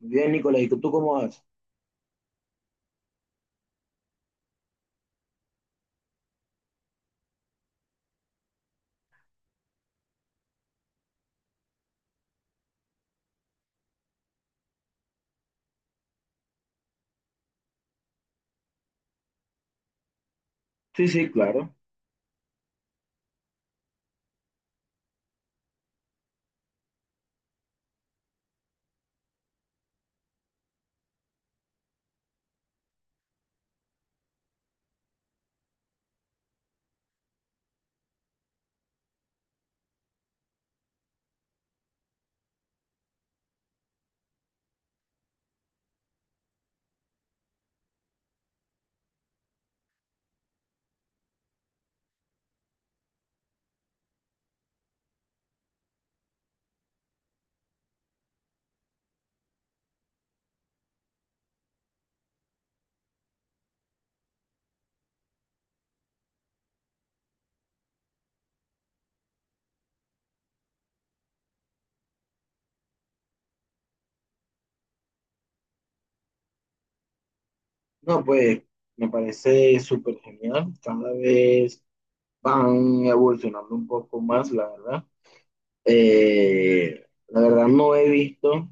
Bien, Nicolás, ¿y tú cómo vas? Sí, sí, claro. No, pues me parece súper genial. Cada vez van evolucionando un poco más, la verdad. La verdad no he visto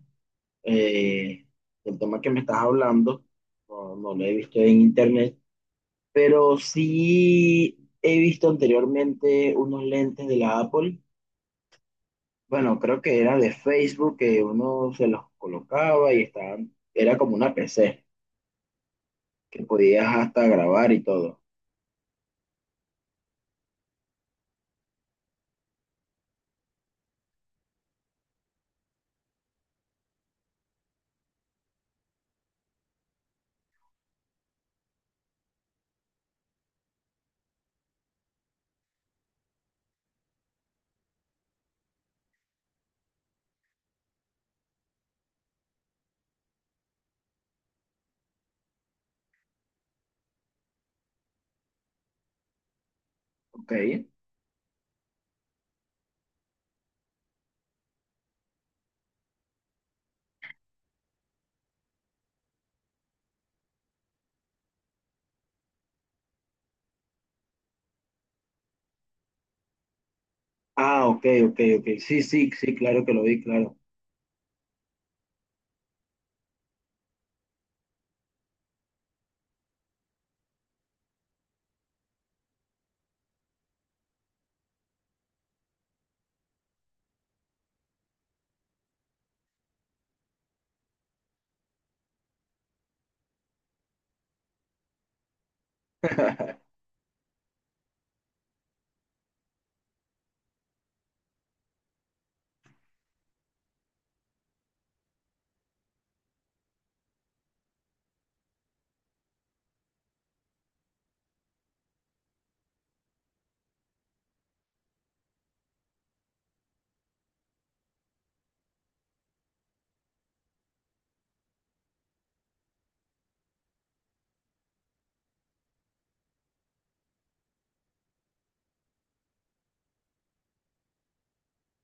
eh, el tema que me estás hablando, no, no lo he visto en internet, pero sí he visto anteriormente unos lentes de la Apple. Bueno, creo que era de Facebook que uno se los colocaba y estaban, era como una PC, que podías hasta grabar y todo. Ok. Ah, ok, ok, ok. Sí, sí, sí, claro que lo vi, claro.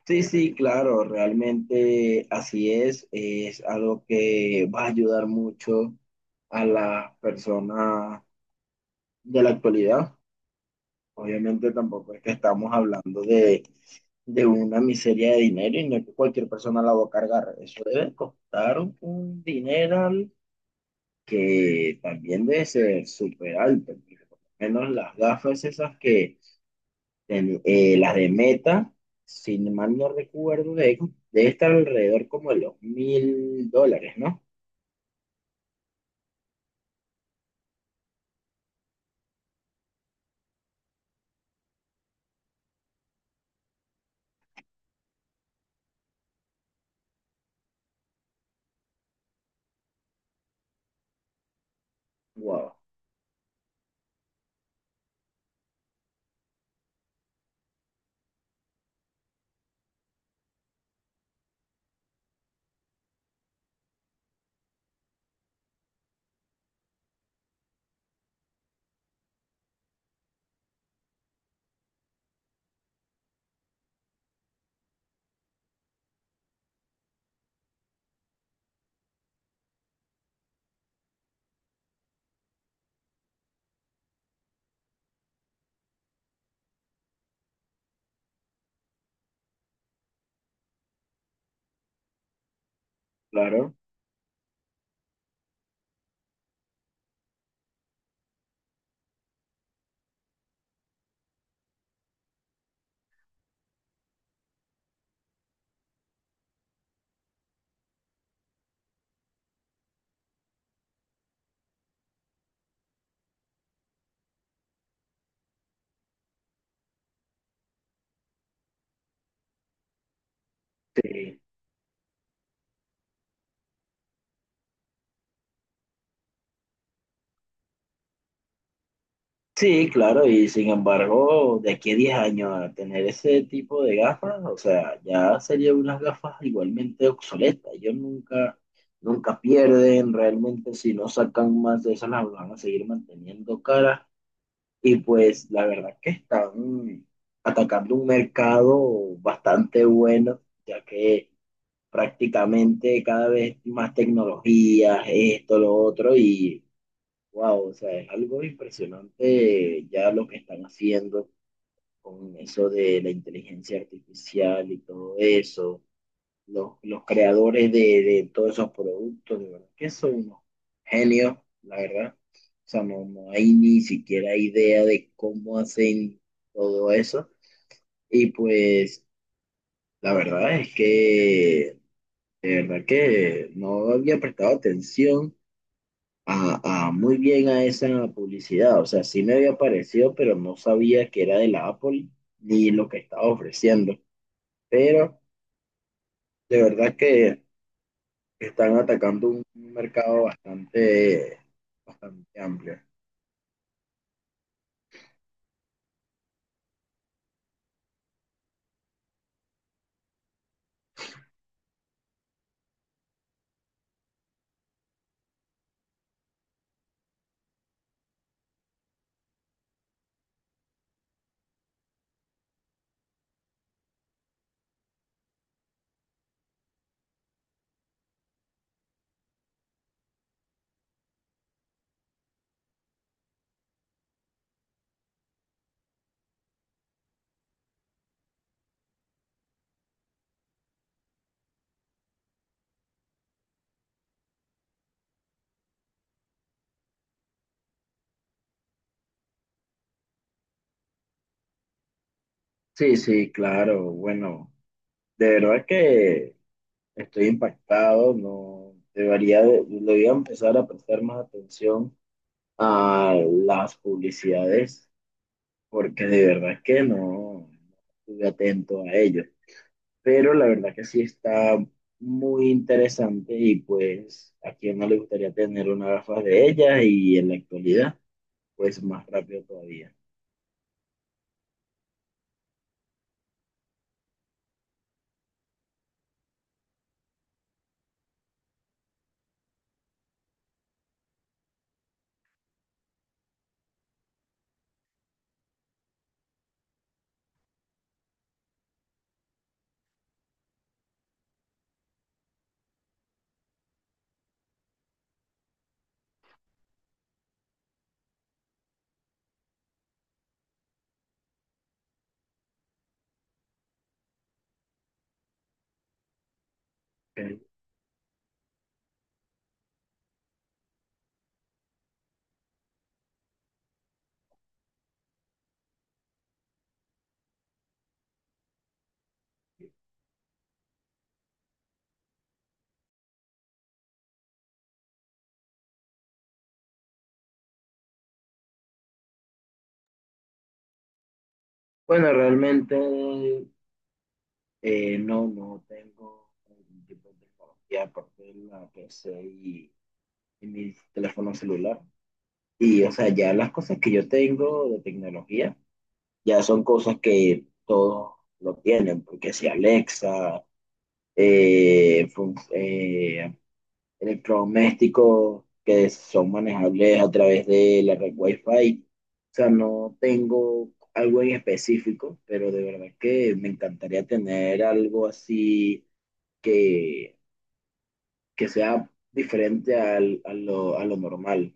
Sí, sí, claro, realmente así es. Es algo que va a ayudar mucho a las personas de la actualidad. Obviamente tampoco es que estamos hablando de una miseria de dinero y no es que cualquier persona la va a cargar. Eso debe costar un dineral que también debe ser súper alto, porque por lo menos las gafas esas que, las de Meta, si mal no recuerdo, debe estar alrededor como de los $1000, ¿no? Wow, claro. Sí. Sí, claro, y sin embargo, de aquí a 10 años a tener ese tipo de gafas, o sea, ya serían unas gafas igualmente obsoletas. Yo nunca, nunca pierden realmente si no sacan más de esas, las van a seguir manteniendo caras. Y pues la verdad que están atacando un mercado bastante bueno, ya que prácticamente cada vez más tecnologías, esto, lo otro, y wow, o sea, es algo impresionante ya lo que están haciendo con eso de la inteligencia artificial y todo eso, los creadores de todos esos productos, de verdad, que son unos genios, la verdad. O sea, no, no hay ni siquiera idea de cómo hacen todo eso. Y pues, la verdad es que, de verdad que no había prestado atención a muy bien a esa publicidad. O sea, sí me había parecido, pero no sabía que era de la Apple ni lo que estaba ofreciendo. Pero de verdad que están atacando un mercado bastante, bastante amplio. Sí, sí, claro. Bueno, de verdad que estoy impactado. No debería, de- debería empezar a prestar más atención a las publicidades, porque de verdad que no estuve atento a ello. Pero la verdad que sí está muy interesante y pues a quien no le gustaría tener una gafas de ellas y en la actualidad, pues más rápido todavía. Bueno, realmente no, no tengo ningún tipo de tecnología aparte de la PC y mi teléfono celular. Y, o sea, ya las cosas que yo tengo de tecnología ya son cosas que todos lo tienen, porque si Alexa, eh, electrodomésticos que son manejables a través de la red Wi-Fi. O sea, no tengo algo en específico, pero de verdad que me encantaría tener algo así que, que, sea diferente a lo normal.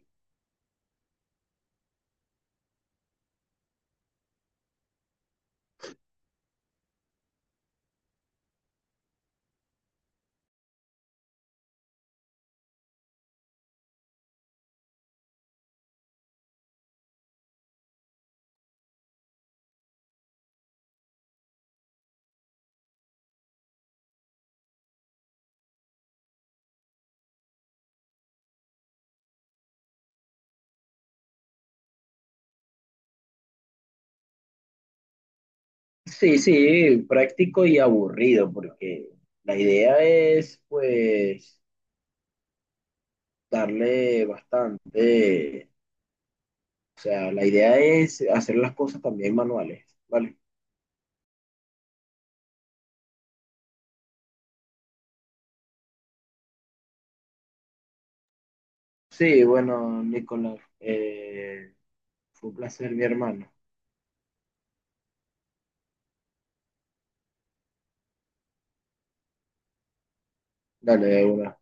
Sí, sí, práctico y aburrido, porque la idea es, pues, darle bastante, o sea, la idea es hacer las cosas también manuales, ¿vale? Sí, bueno, Nicolás, fue un placer, mi hermano. Dale, de una.